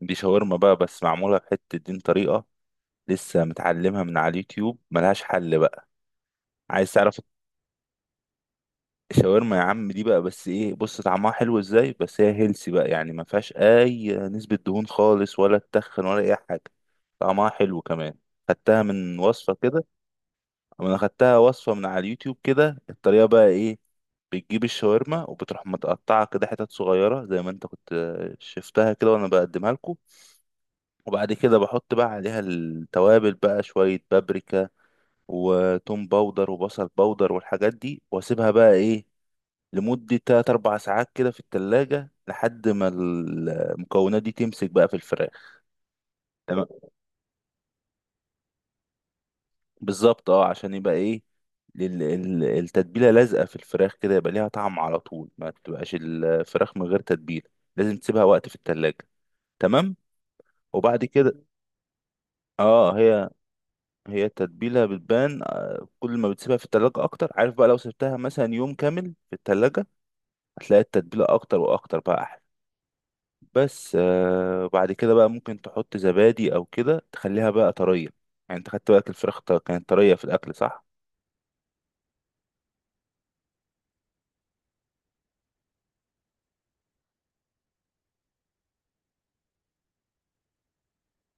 دي شاورما بقى، بس معمولة بحتة دين طريقة. لسه متعلمها من على اليوتيوب، ملهاش حل بقى. عايز تعرف؟ الشاورما يا عم دي بقى، بس ايه، بص طعمها حلو ازاي، بس هي هيلسي بقى، يعني ما فيهاش اي نسبة دهون خالص، ولا تخن ولا اي حاجة. طعمها حلو كمان. خدتها من وصفة كده. انا خدتها وصفة من على اليوتيوب كده. الطريقة بقى ايه؟ بتجيب الشاورما، وبتروح متقطعة كده حتت صغيرة، زي ما انت كنت شفتها كده وانا بقدمها لكم. وبعد كده بحط بقى عليها التوابل بقى، شوية بابريكا وتوم باودر وبصل باودر والحاجات دي، واسيبها بقى ايه لمدة تلات أربع ساعات كده في التلاجة، لحد ما المكونات دي تمسك بقى في الفراخ. تمام، بالظبط، اه، عشان يبقى ايه، التتبيلة لازقة في الفراخ كده، يبقى ليها طعم على طول، ما تبقاش الفراخ من غير تتبيلة. لازم تسيبها وقت في التلاجة. تمام. وبعد كده، اه، هي التتبيلة بتبان، كل ما بتسيبها في التلاجة أكتر، عارف بقى، لو سبتها مثلا يوم كامل في التلاجة هتلاقي التتبيلة أكتر وأكتر بقى أحلى. بس بعد كده بقى ممكن تحط زبادي أو كده تخليها بقى طرية. يعني أنت خدت بالك الفراخ كانت طرية في الأكل صح؟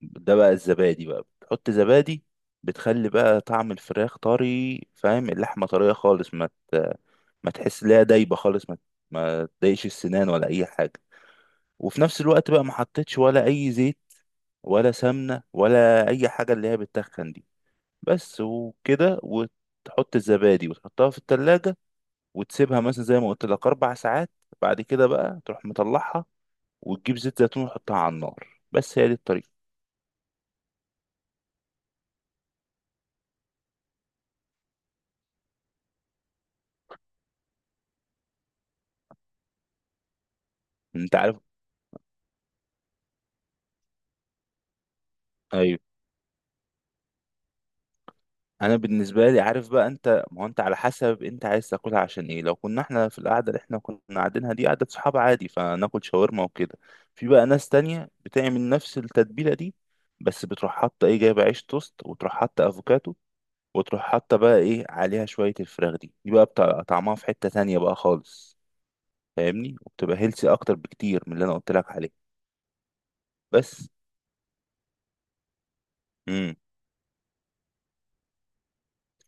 ده بقى الزبادي، بقى بتحط زبادي بتخلي بقى طعم الفراخ طري، فاهم؟ اللحمة طرية خالص، ت- ما تحس ليها دايبة خالص، ما تضايقش السنان ولا أي حاجة. وفي نفس الوقت بقى ما حطيتش ولا اي زيت ولا سمنة ولا أي حاجة اللي هي بتتخن دي. بس وكده، وتحط الزبادي وتحطها في التلاجة، وتسيبها مثلا زي ما قلت لك أربع ساعات. بعد كده بقى تروح مطلعها، وتجيب زيت زيتون وتحطها على النار. بس هي دي الطريقة. أنت عارف؟ أيوه. أنا بالنسبة لي عارف بقى أنت، ما هو أنت على حسب أنت عايز تاكلها عشان إيه. لو كنا إحنا في القعدة اللي إحنا كنا قاعدينها دي، قعدة صحاب عادي فناكل شاورما وكده. في بقى ناس تانية بتعمل نفس التتبيلة دي، بس بتروح حاطة إيه، جايبة عيش توست وتروح حاطة أفوكادو، وتروح حاطة بقى ايه عليها شوية الفراخ، دي بقى بتاع طعمها في حتة تانية بقى خالص، فاهمني؟ وبتبقى هيلسي اكتر بكتير من اللي انا قلت لك عليه. بس. امم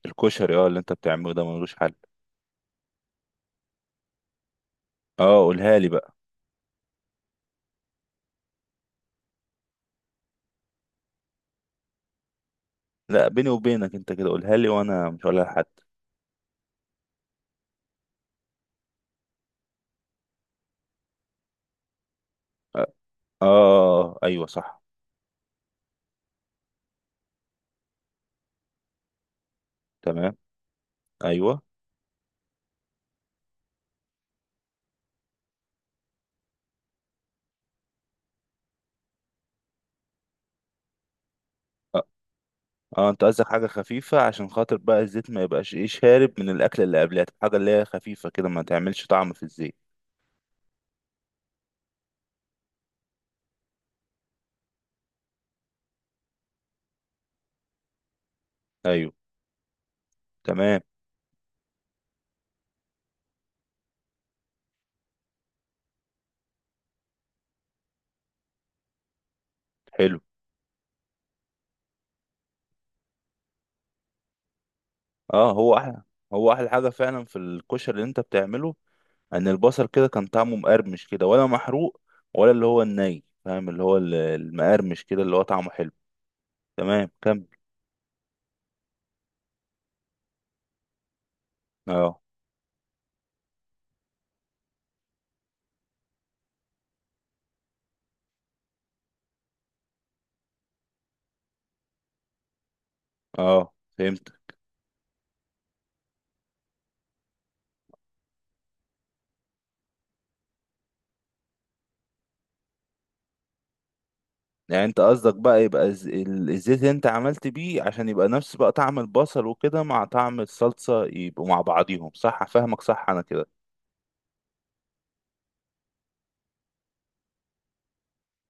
الكشري، اللي انت بتعمله ده ملوش حل. اه، قولها لي بقى. لا، بيني وبينك انت كده قولها لي، وانا مش هقولها لحد. اه. آه، آه، ايوه، صح. تمام. ايوه. اه. انت قصدك حاجة خفيفة، عشان خاطر بقى الزيت ما يبقاش ايه، شارب من الاكل اللي قبلها، حاجة اللي هي خفيفة كده ما تعملش طعم في الزيت. ايوه. تمام. حلو. اه، هو احلى. هو احلى حاجه فعلا في الكشري اللي انت بتعمله، ان البصل كده كان طعمه مقرمش كده، ولا محروق ولا اللي هو الني، فاهم؟ اللي هو المقرمش كده اللي هو طعمه حلو. تمام، كمل. اه. اه، فهمت. يعني انت قصدك بقى يبقى الزيت اللي انت عملت بيه، عشان يبقى نفس بقى طعم البصل وكده مع طعم الصلصه، يبقوا مع بعضيهم، صح؟ فاهمك، صح انا كده؟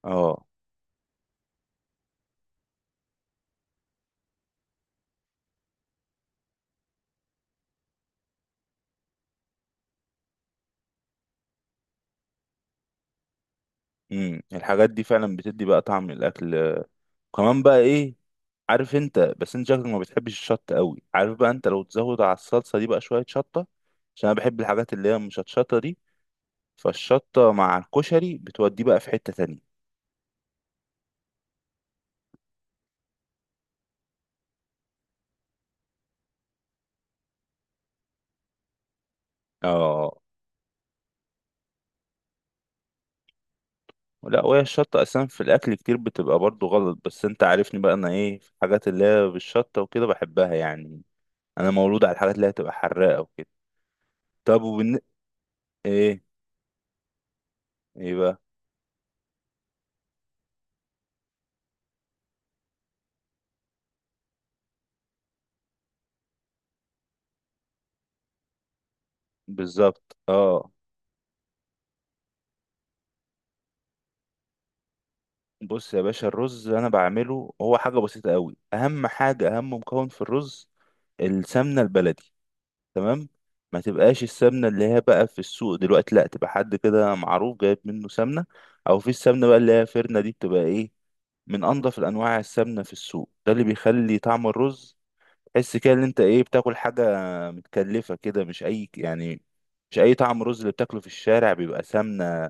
اه. الحاجات دي فعلا بتدي بقى طعم الاكل. كمان بقى ايه، عارف انت، بس انت شكلك ما بتحبش الشطه قوي، عارف بقى انت لو تزود على الصلصه دي بقى شويه شطه، عشان انا بحب الحاجات اللي هي مش هتشطه دي، فالشطه مع الكشري بتوديه بقى في حته تانية. اه. لا، وهي الشطه اصلا في الاكل كتير بتبقى برضو غلط، بس انت عارفني بقى انا ايه، في الحاجات اللي هي بالشطه وكده بحبها يعني. انا مولود على الحاجات اللي هي تبقى حراقه وكده. طب وبن. ايه ايه بقى؟ بالظبط، اه. بص يا باشا، الرز انا بعمله هو حاجه بسيطه قوي. اهم حاجه، اهم مكون في الرز، السمنة البلدي. تمام. ما تبقاش السمنة اللي هي بقى في السوق دلوقتي، لا تبقى حد كده معروف جايب منه سمنة، او في السمنة بقى اللي هي فرنة دي، بتبقى ايه، من انضف الانواع السمنة في السوق، ده اللي بيخلي طعم الرز تحس كده ان انت ايه، بتاكل حاجة متكلفة كده، مش اي يعني، مش اي طعم رز اللي بتاكله في الشارع بيبقى سمنة.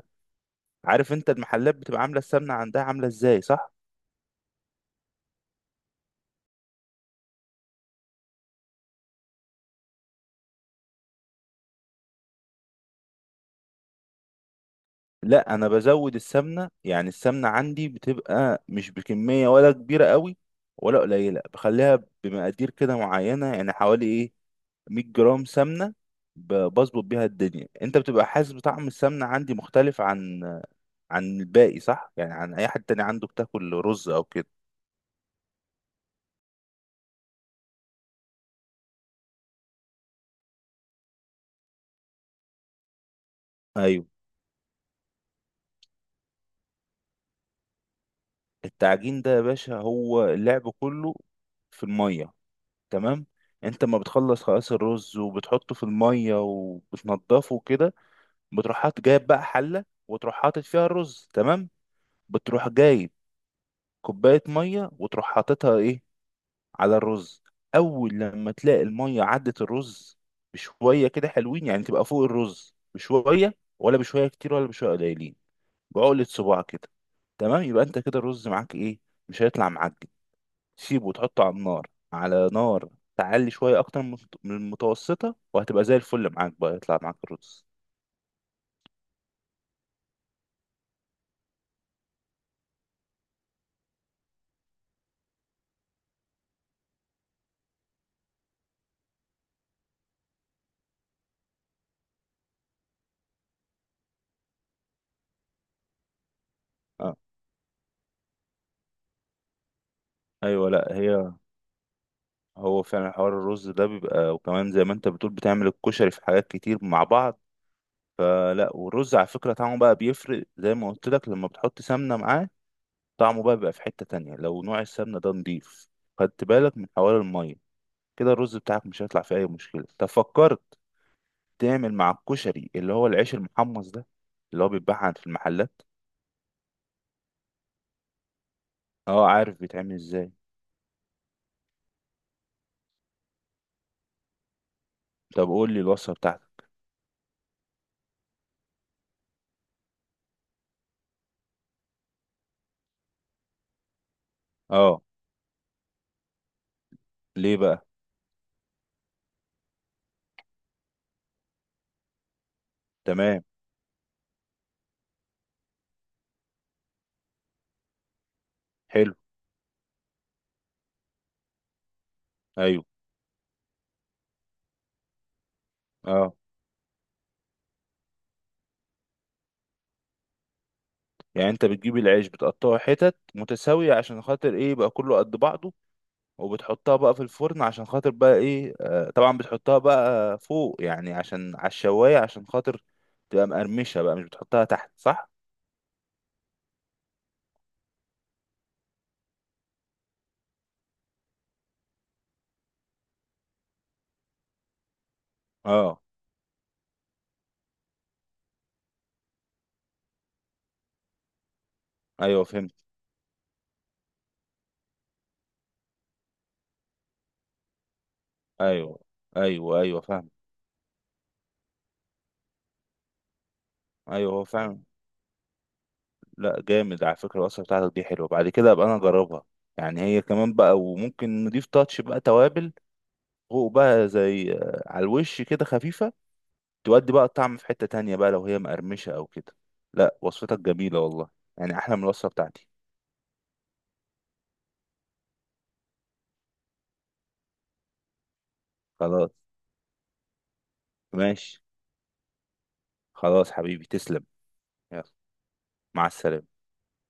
عارف انت المحلات بتبقى عاملة السمنة عندها عاملة ازاي صح؟ لا، انا بزود السمنه، يعني السمنه عندي بتبقى مش بكميه ولا كبيره قوي ولا قليله، بخليها بمقادير كده معينه، يعني حوالي ايه، 100 جرام سمنه. بظبط بيها الدنيا، انت بتبقى حاسس بطعم السمنه عندي مختلف عن الباقي، صح؟ يعني عن اي حد تاني عنده بتاكل رز او كده. ايوه. التعجين ده يا باشا هو اللعب كله في الميه. تمام. انت ما بتخلص خلاص الرز وبتحطه في الميه وبتنضفه كده، بتروح حاطط، جايب بقى حله وتروح حاطط فيها الرز، تمام. بتروح جايب كوبايه ميه، وتروح حاططها ايه، على الرز. اول لما تلاقي الميه عدت الرز بشويه كده حلوين، يعني تبقى فوق الرز بشويه، ولا بشويه كتير ولا بشويه قليلين، بعقله صباع كده. تمام، يبقى انت كده الرز معاك ايه، مش هيطلع معجن. سيبه وتحطه على النار، على نار تعلي شويه، اكتر من المتوسطه، وهتبقى زي الفل معاك، بقى يطلع معاك الرز. اه. ايوه، لا هي. هو فعلا حوار الرز ده بيبقى، وكمان زي ما انت بتقول بتعمل الكشري في حاجات كتير مع بعض. آه، لا، والرز على فكرة طعمه بقى بيفرق، زي ما قلت لك لما بتحط سمنة معاه، طعمه بقى بيبقى في حتة تانية لو نوع السمنة ده نضيف. خدت بالك من حوار المية؟ كده الرز بتاعك مش هيطلع فيه أي مشكلة. طب فكرت تعمل مع الكشري اللي هو العيش المحمص ده، اللي هو بيتباع في المحلات؟ اه، عارف بيتعمل ازاي. طب قول لي الوصفة بتاعتك. اه. ليه بقى؟ تمام. حلو. ايوه. اه. يعني انت بتجيب العيش بتقطعه حتت متساوية عشان خاطر ايه، يبقى كله قد بعضه، وبتحطها بقى في الفرن عشان خاطر بقى ايه، طبعا بتحطها بقى فوق يعني عشان على الشواية، عشان خاطر تبقى مقرمشة بقى، مش بتحطها تحت صح؟ اه، ايوه، فهمت. ايوه، ايوه، ايوه، فاهم. ايوه، هو فعلا. لا، جامد على فكرة الوصفة بتاعتك دي حلوة، بعد كده ابقى انا اجربها. يعني هي كمان بقى، وممكن نضيف تاتش بقى توابل فوق بقى زي على الوش كده خفيفة، تودي بقى الطعم في حتة تانية بقى لو هي مقرمشة أو كده. لا، وصفتك جميلة والله، يعني أحلى من الوصفة بتاعتي. خلاص. ماشي. خلاص حبيبي، تسلم. يلا. مع السلامة.